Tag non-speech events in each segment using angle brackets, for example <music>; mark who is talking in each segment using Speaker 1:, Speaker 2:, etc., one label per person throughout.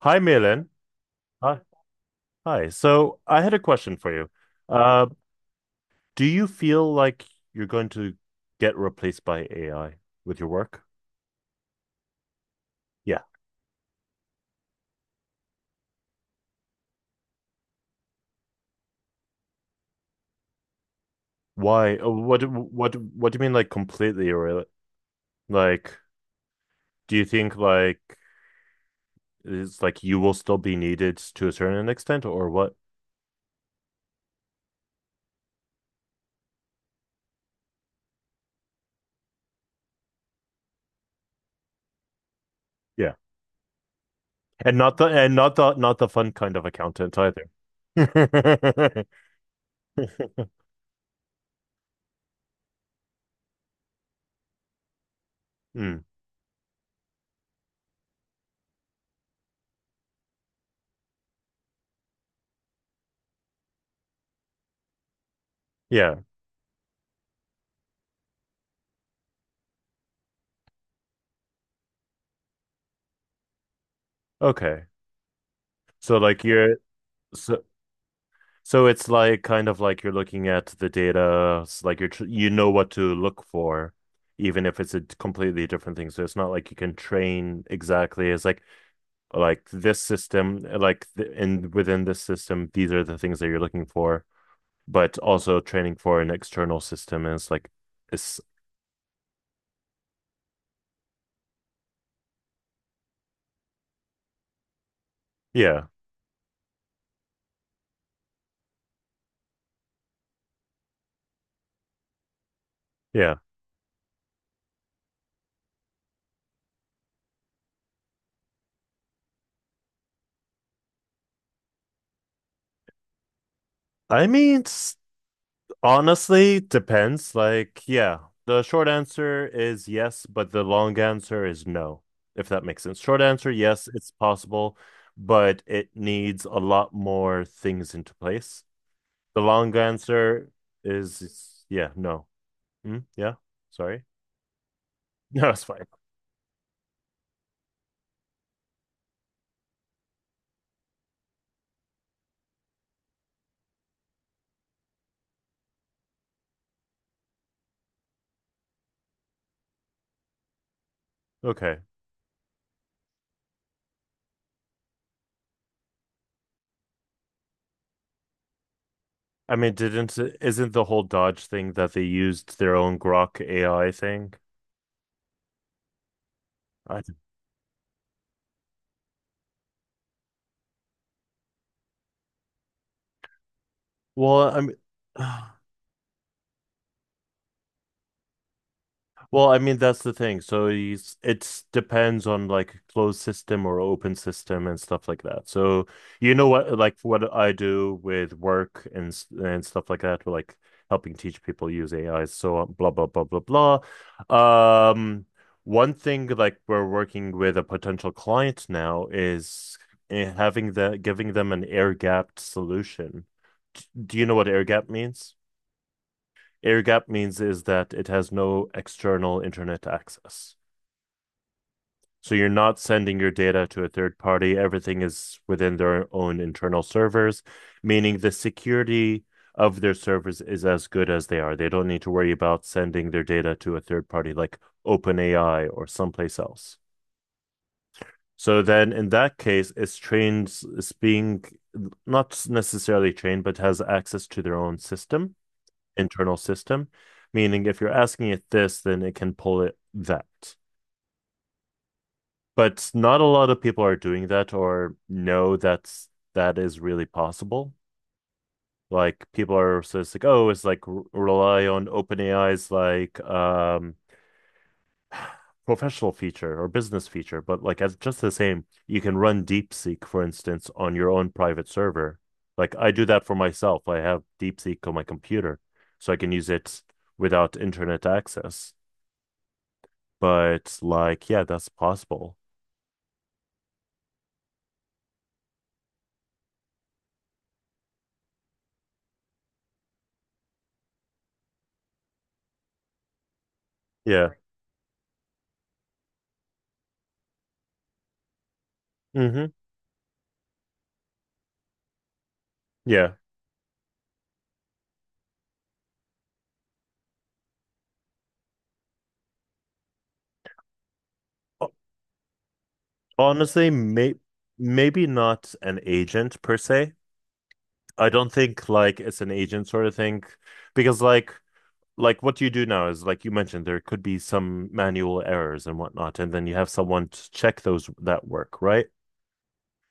Speaker 1: Hi, Malin. Hi. Hi. So I had a question for you. Uh, do you feel like you're going to get replaced by AI with your work? Yeah. Why? What? What? What do you mean, like completely, or like, do you think like it's like you will still be needed to a certain extent, or what? Yeah. And not the not the fun kind of accountant either. <laughs> Mm, yeah. Okay. So like you're so So it's like kind of like you're looking at the data, it's like you're tr you know what to look for, even if it's a d- completely different thing. So it's not like you can train exactly. It's like this system, eh, like th in within this system, these are the things that you're looking for, but also training for an external system. And it's like it's yeah, yeah. I mean, it's honestly, depends. Like, yeah, the short answer is yes, but the long answer is no, if that makes sense. Short answer, yes, it's possible, but it needs a lot more things into place. The long answer is yeah, no. Mm, yeah, sorry. <laughs> No, it's fine. Okay. I mean, didn't isn't the whole Dodge thing that they used their own Grok AI thing? I, well, I mean, <sighs> well, I mean, that's the thing. So it's depends on like closed system or open system and stuff like that. So you know what, like what I do with work and s- and stuff like that, like helping teach people use AI. So on, blah blah blah blah blah. Um, One thing like we're working with a potential client now is having the giving them an air gapped solution. D- Do you know what air gap means? Air gap means is that it has no external internet access. So you're not sending your data to a third party. Everything is within their own internal servers, meaning the security of their servers is as good as they are. They don't need to worry about sending their data to a third party like OpenAI or someplace else. So then in that case, it's trained, it's being not necessarily trained, but has access to their own system. Internal system, meaning if you're asking it this, then it can pull it that. But not a lot of people are doing that or know that's that is really possible. Like people are so it's like, oh, it's like rely on OpenAI's like <sighs> professional feature or business feature, but like as just the same, you can run DeepSeek, for instance, on your own private server. Like I do that for myself. I have DeepSeek on my computer, so I can use it without internet access. But like, yeah, that's possible. Yeah. Hmm. Yeah. O- Honestly, maybe not an agent per se. I don't think like it's an agent sort of thing because like what you do now is like you mentioned there could be some manual errors and whatnot, and then you have someone to check those that work, right?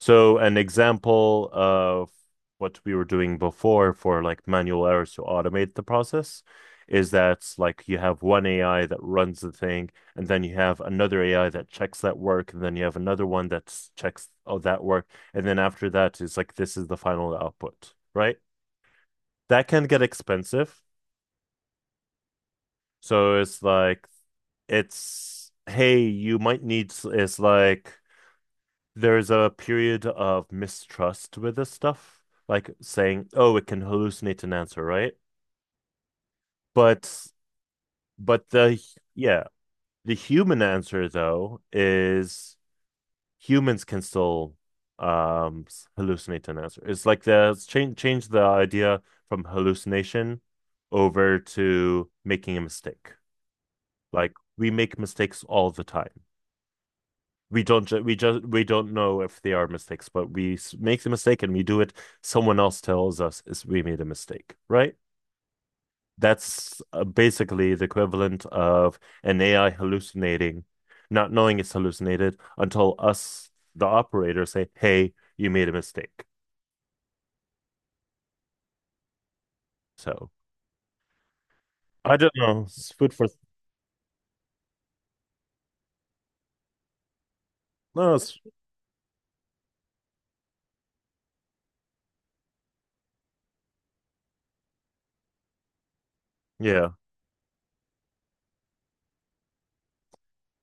Speaker 1: So an example of what we were doing before for like manual errors to automate the process is that like you have one AI that runs the thing, and then you have another AI that checks that work, and then you have another one that checks oh, that work, and then after that, it's like this is the final output, right? That can get expensive. So it's like it's hey, you might need it's like there's a period of mistrust with this stuff, like saying, "Oh, it can hallucinate an answer, right?" But but the yeah, the human answer though is humans can still um hallucinate an answer. It's like the change the idea from hallucination over to making a mistake. Like we make mistakes all the time. We don't ju- we just we don't know if they are mistakes, but we s- make the mistake and we do it. Someone else tells us is we made a mistake, right? That's basically the equivalent of an AI hallucinating, not knowing it's hallucinated until us, the operator, say, "Hey, you made a mistake." So I don't know. It's food for no, it's, yeah.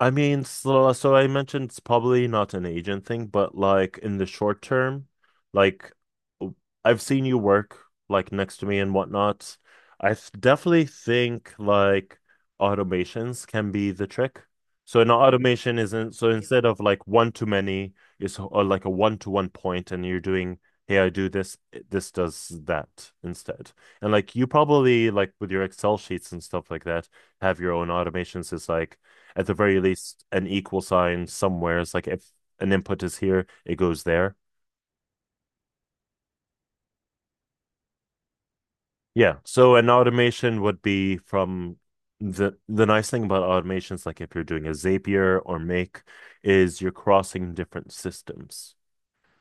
Speaker 1: I mean, so I mentioned it's probably not an agent thing, but like in the short term, like w- I've seen you work like next to me and whatnot. I th- definitely think like automations can be the trick. So an automation isn't, so instead of like one to many, it's or like a one to one point and you're doing, hey, I do this, this does that instead. And like you probably like with your Excel sheets and stuff like that, have your own automations. It's like, at the very least an equal sign somewhere. It's like if an input is here, it goes there. Yeah. So an automation would be from the nice thing about automations, like if you're doing a Zapier or Make, is you're crossing different systems.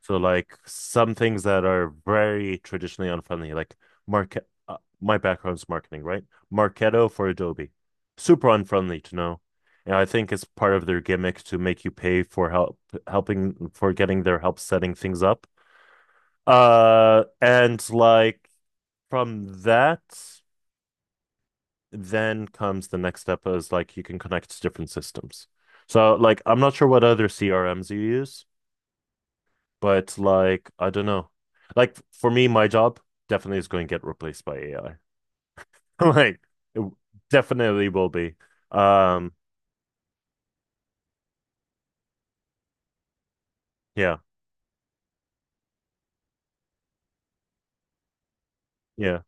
Speaker 1: So like some things that are very traditionally unfriendly, like market. My background's marketing, right? Marketo for Adobe, super unfriendly to know, and I think it's part of their gimmick to make you pay for help, helping for getting their help setting things up. And like from that, then comes the next step is like you can connect to different systems. So like I'm not sure what other CRMs you use. But like, I don't know. Like for me, my job definitely is going to get replaced by AI. <laughs> Like it definitely will be. Um, yeah, yeah.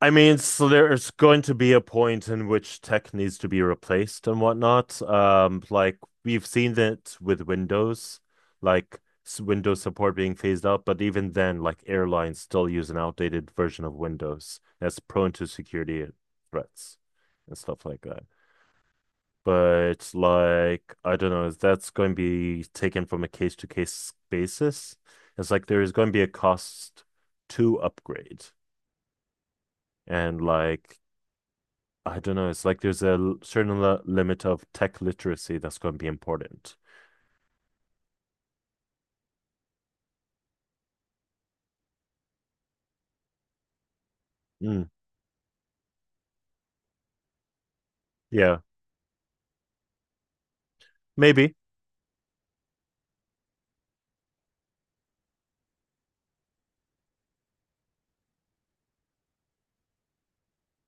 Speaker 1: I mean, so there's going to be a point in which tech needs to be replaced and whatnot. Like we've seen it with Windows, like s- Windows support being phased out, but even then, like airlines still use an outdated version of Windows that's prone to security threats and stuff like that. But like, I don't know, that's going to be taken from a case to case basis. It's like there is going to be a cost to upgrade. And like, I don't know, it's like there's a l- certain li- limit of tech literacy that's going to be important. Mm, yeah, maybe.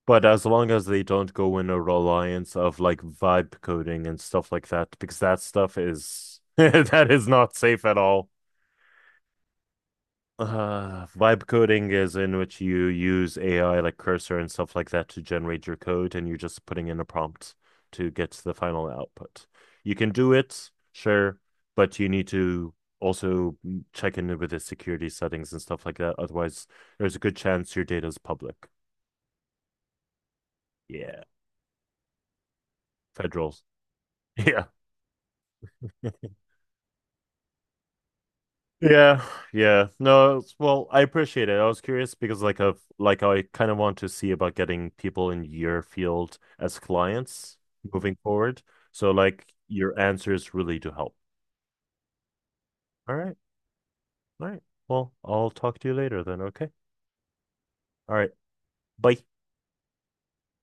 Speaker 1: But as long as they don't go in a reliance of like vibe coding and stuff like that, because that stuff is <laughs> that is not safe at all. Vibe coding is in which you use AI like cursor and stuff like that to generate your code, and you're just putting in a prompt to get the final output. You can do it, sure, but you need to also check in with the security settings and stuff like that. Otherwise, there's a good chance your data is public. Yeah, federals. <laughs> Yeah. Yeah, yeah. No, it's- well, I appreciate it. I was curious because like of like I kind of want to see about getting people in your field as clients moving forward. So like your answers really do help. All right. All right. Well, I'll talk to you later then, okay? All right. Bye.